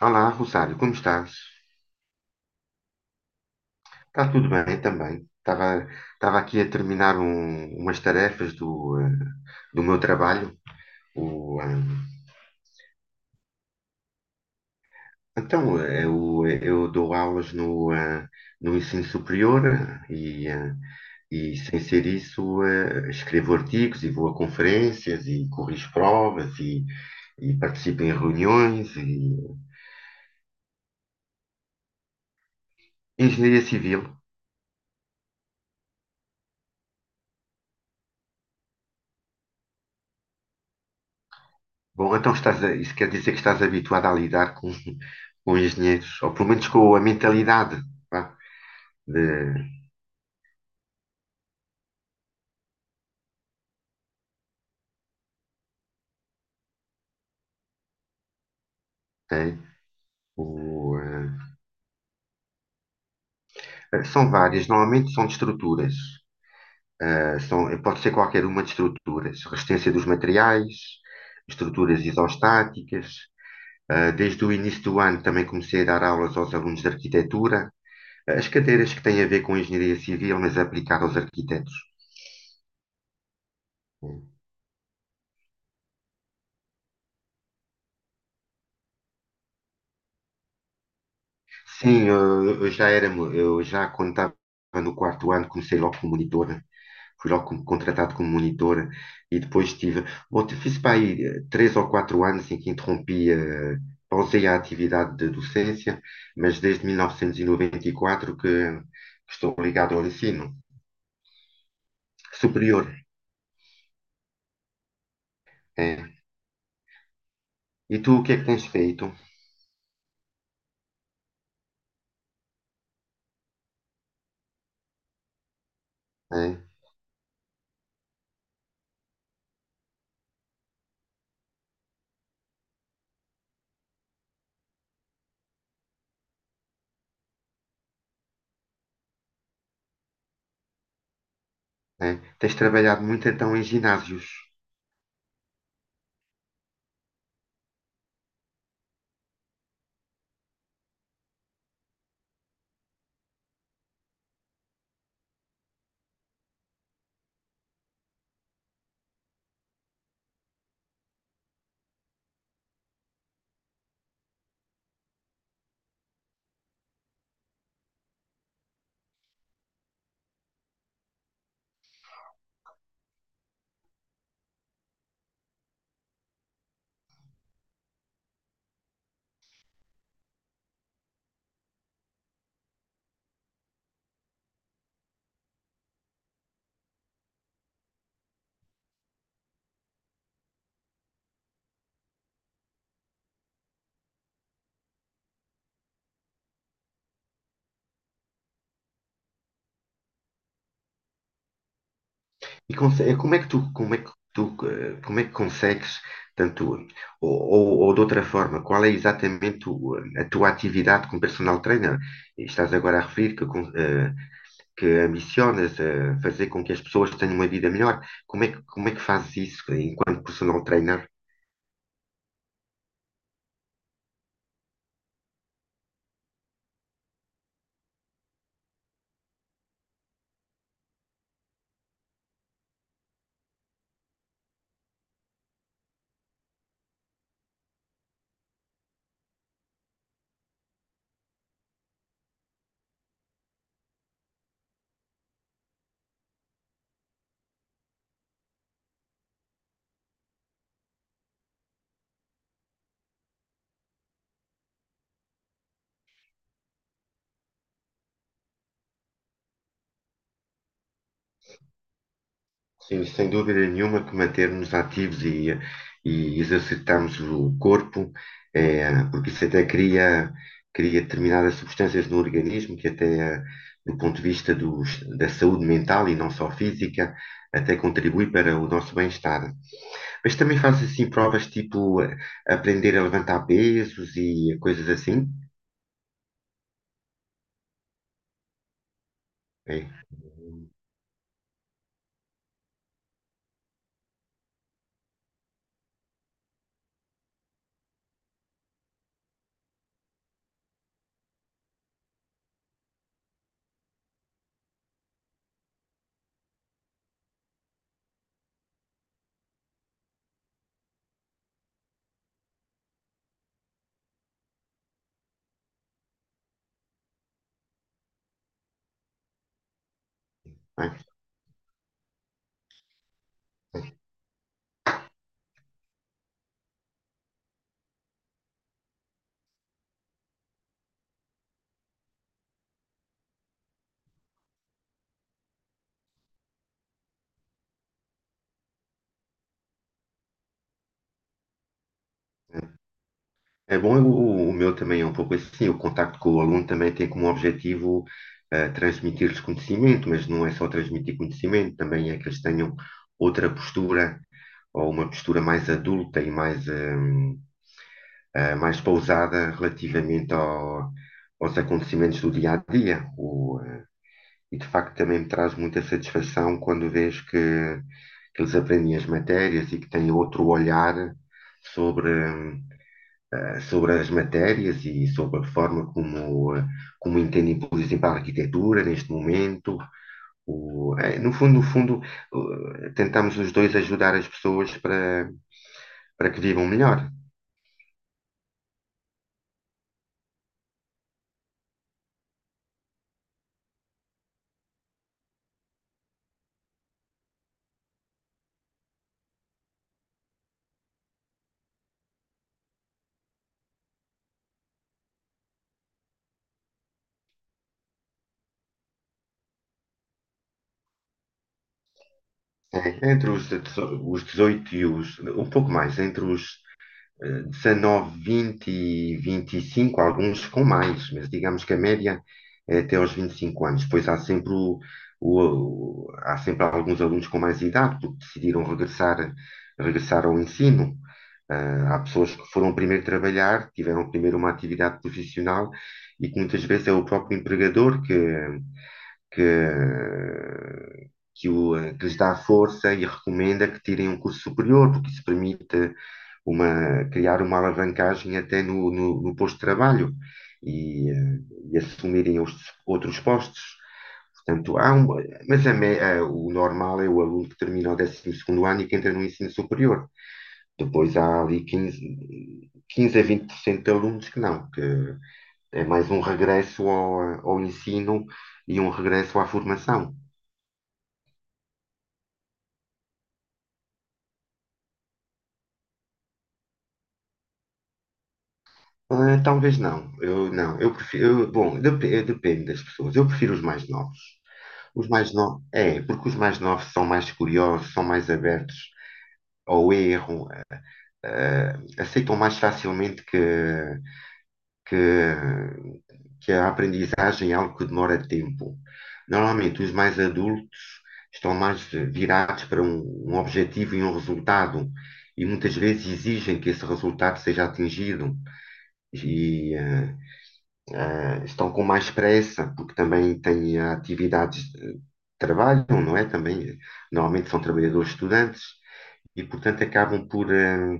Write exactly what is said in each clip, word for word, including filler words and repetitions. Olá, Rosário, como estás? Está tudo bem também. Estava, estava aqui a terminar um- umas tarefas do, eh, do meu trabalho. O, eh, então, eh, eu, eu dou aulas no, eh, no ensino superior eh, e, eh, e, sem ser isso, eh, escrevo artigos e vou a conferências e corrijo provas e, e participo em reuniões e engenharia civil. Bom, então estás a- isso quer dizer que estás habituado a lidar com, com engenheiros, ou pelo menos com a mentalidade, vá, de, tem, o, eh, são várias, normalmente são de estruturas, eh, são, eh, pode ser qualquer uma de estruturas, resistência dos materiais, estruturas isostáticas, eh, desde o início do ano também comecei a dar aulas aos alunos de arquitetura. Eh, as cadeiras que têm a ver com engenharia civil, mas aplicada aos arquitetos. Sim, eu, eu já era, mo- eu já quando estava no quarto ano comecei logo como monitor, fui logo como- contratado como monitor e depois tive, bom, te- fiz para aí eh, três ou quatro anos em que interrompi, eh, pausei a atividade de docência, mas desde mil novecentos e noventa e quatro que, que estou ligado ao ensino superior. É. E tu o que é que tens feito? É, é. Tens trabalhado muito então em ginásios. E conse- como é que tu, como é que tu, eh, como é que consegues, tanto, eh, ou, ou, ou de outra forma, qual é exatamente o, eh, a tua atividade como personal trainer? E estás agora a referir que, con- eh, que ambicionas eh, fazer com que as pessoas tenham uma vida melhor. Como é que, como é que fazes isso enquanto personal trainer? Sim, sem dúvida nenhuma que mantermo-nos ativos e, e exercitarmos o corpo, eh, porque isso até cria, cria determinadas substâncias no organismo que até, eh, do ponto de vista dos, da saúde mental e não só física, até contribui para o nosso bem-estar. Mas também faz assim provas tipo eh, aprender a levantar pesos e coisas assim. É. É. É bom, o, o meu também é um pouco assim. O contacto com o aluno também tem como objetivo eh, transmitir-lhes conhecimento, mas não é só transmitir conhecimento, também é que eles tenham outra postura, ou uma postura mais adulta e mais, eh, eh, mais pausada relativamente ao- aos acontecimentos do dia a dia. O, eh, e de facto também me traz muita satisfação quando vejo que, que eles aprendem as matérias e que têm outro olhar sobre, eh, sobre as matérias e sobre a forma como, eh, como entendem, por exemplo, a arquitetura neste momento. O, eh, no fundo, no fundo, eh, tentamos os dois ajudar as pessoas para, para que vivam melhor. É, entre os, dezo- os dezoito e os. Um pouco mais, entre os eh, dezenove, vinte e vinte e cinco, alguns com mais, mas digamos que a média é até aos vinte e cinco anos. Pois há sempre, o- o- há sempre alguns alunos com mais idade, porque decidiram regressar, regressar ao ensino. Ah, há pessoas que foram primeiro trabalhar, tiveram primeiro uma atividade profissional e que muitas vezes é o próprio empregador que, que, que, o, que lhes dá força e recomenda que tirem um curso superior, porque isso permite uma, criar uma alavancagem até no, no, no posto de trabalho e, eh, e assumirem os outros postos. Portanto, há um, mas a me- a- o normal é o aluno que termina o décimo segundo ano e que entra no ensino superior. Depois há ali quinze quinze a vinte por cento de alunos que não, que é mais um regresso ao, ao ensino e um regresso à formação. Ah, talvez não, eu não, eu prefiro, eu- bom, dep- eh, depende das pessoas, eu prefiro os mais novos. Os mais novos, é, porque os mais novos são mais curiosos, são mais abertos ao erro, eh, aceitam mais facilmente que, que, que a aprendizagem é algo que demora tempo. Normalmente, os mais adultos estão mais eh, virados para um, um objetivo e um resultado, e muitas vezes exigem que esse resultado seja atingido. E, eh, estão com mais pressa, porque também têm eh, atividades de trabalho, não é? Também, eh, normalmente são trabalhadores estudantes e, portanto, acabam por, eh,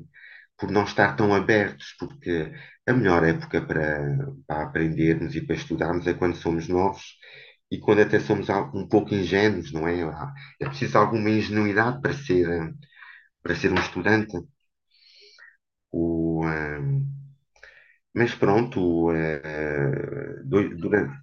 por não estar tão abertos, porque a melhor época para, para aprendermos e para estudarmos é quando somos novos e quando até somos al- um pouco ingênuos, não é? Há- É preciso alguma ingenuidade para ser, eh, para ser um estudante. O, eh, mas pronto, eh, do- durante,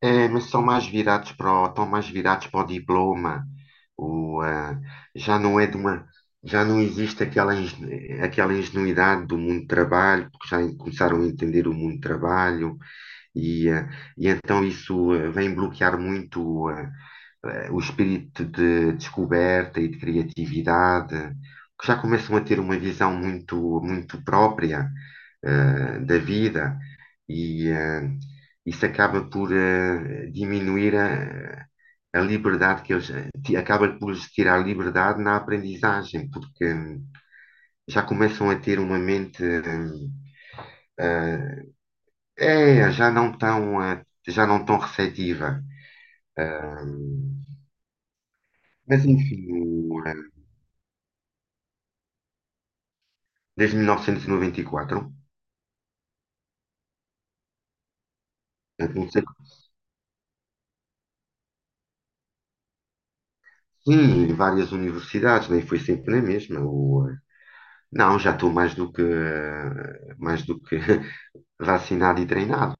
é, mas são mais virados para o, estão mais virados para o diploma. O, ah, já não é de uma, já não existe aquela, ingenu- aquela ingenuidade do mundo do trabalho, porque já en- começaram a entender o mundo do trabalho e, ah, e então isso ah, vem bloquear muito ah, ah, o espírito de descoberta e de criatividade, que já começam a ter uma visão muito, muito própria eh, da vida e eh, isso acaba por eh, diminuir a, a liberdade que eles ti- acaba por lhes tirar liberdade na aprendizagem, porque hum, já começam a ter uma mente hum, eh, é, já não tão eh, já não tão receptiva. Hum, mas enfim, o, eh, desde mil novecentos e noventa e quatro, eu não sei. Sim, e várias universidades, nem foi sempre na mesma. O, eh, não, já estou mais do que, eh, mais do que vacinado e treinado.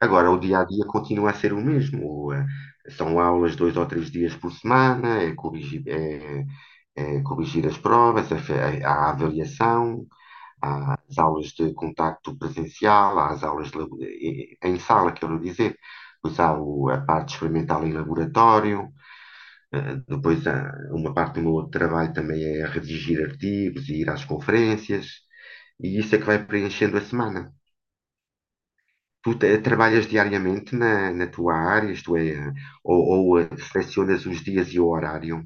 Agora, o dia a dia continua a ser o mesmo. O, eh, São aulas dois ou três dias por semana, é corrigir, é, é corrigir as provas, a, fe- a avaliação, há as aulas de contacto presencial, há as aulas de labo- eh, em sala, quero dizer. Depois há o- a parte experimental em laboratório, eh, depois há uma parte do meu outro trabalho também é redigir artigos e ir às conferências, e isso é que vai preenchendo a semana. Tu te- trabalhas diariamente na, na tua área, isto é, ou, ou eh, selecionas os dias e o horário?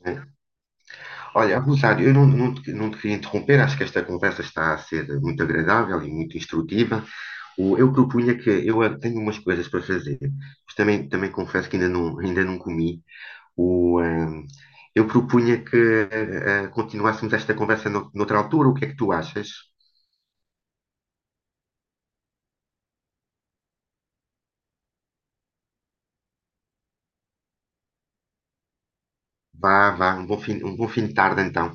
Né? Olha, Rosário, eu não, não, te, não te queria interromper, acho que esta conversa está a ser muito agradável e muito instrutiva. O, eu propunha que eu eh, tenho umas coisas para fazer, mas também, também confesso que ainda não, ainda não comi. O, ehm, eu propunha que eh, eh, continuássemos esta conversa no, noutra altura, o que é que tu achas? Vá, vá, um bom fim, um bom fim de tarde então.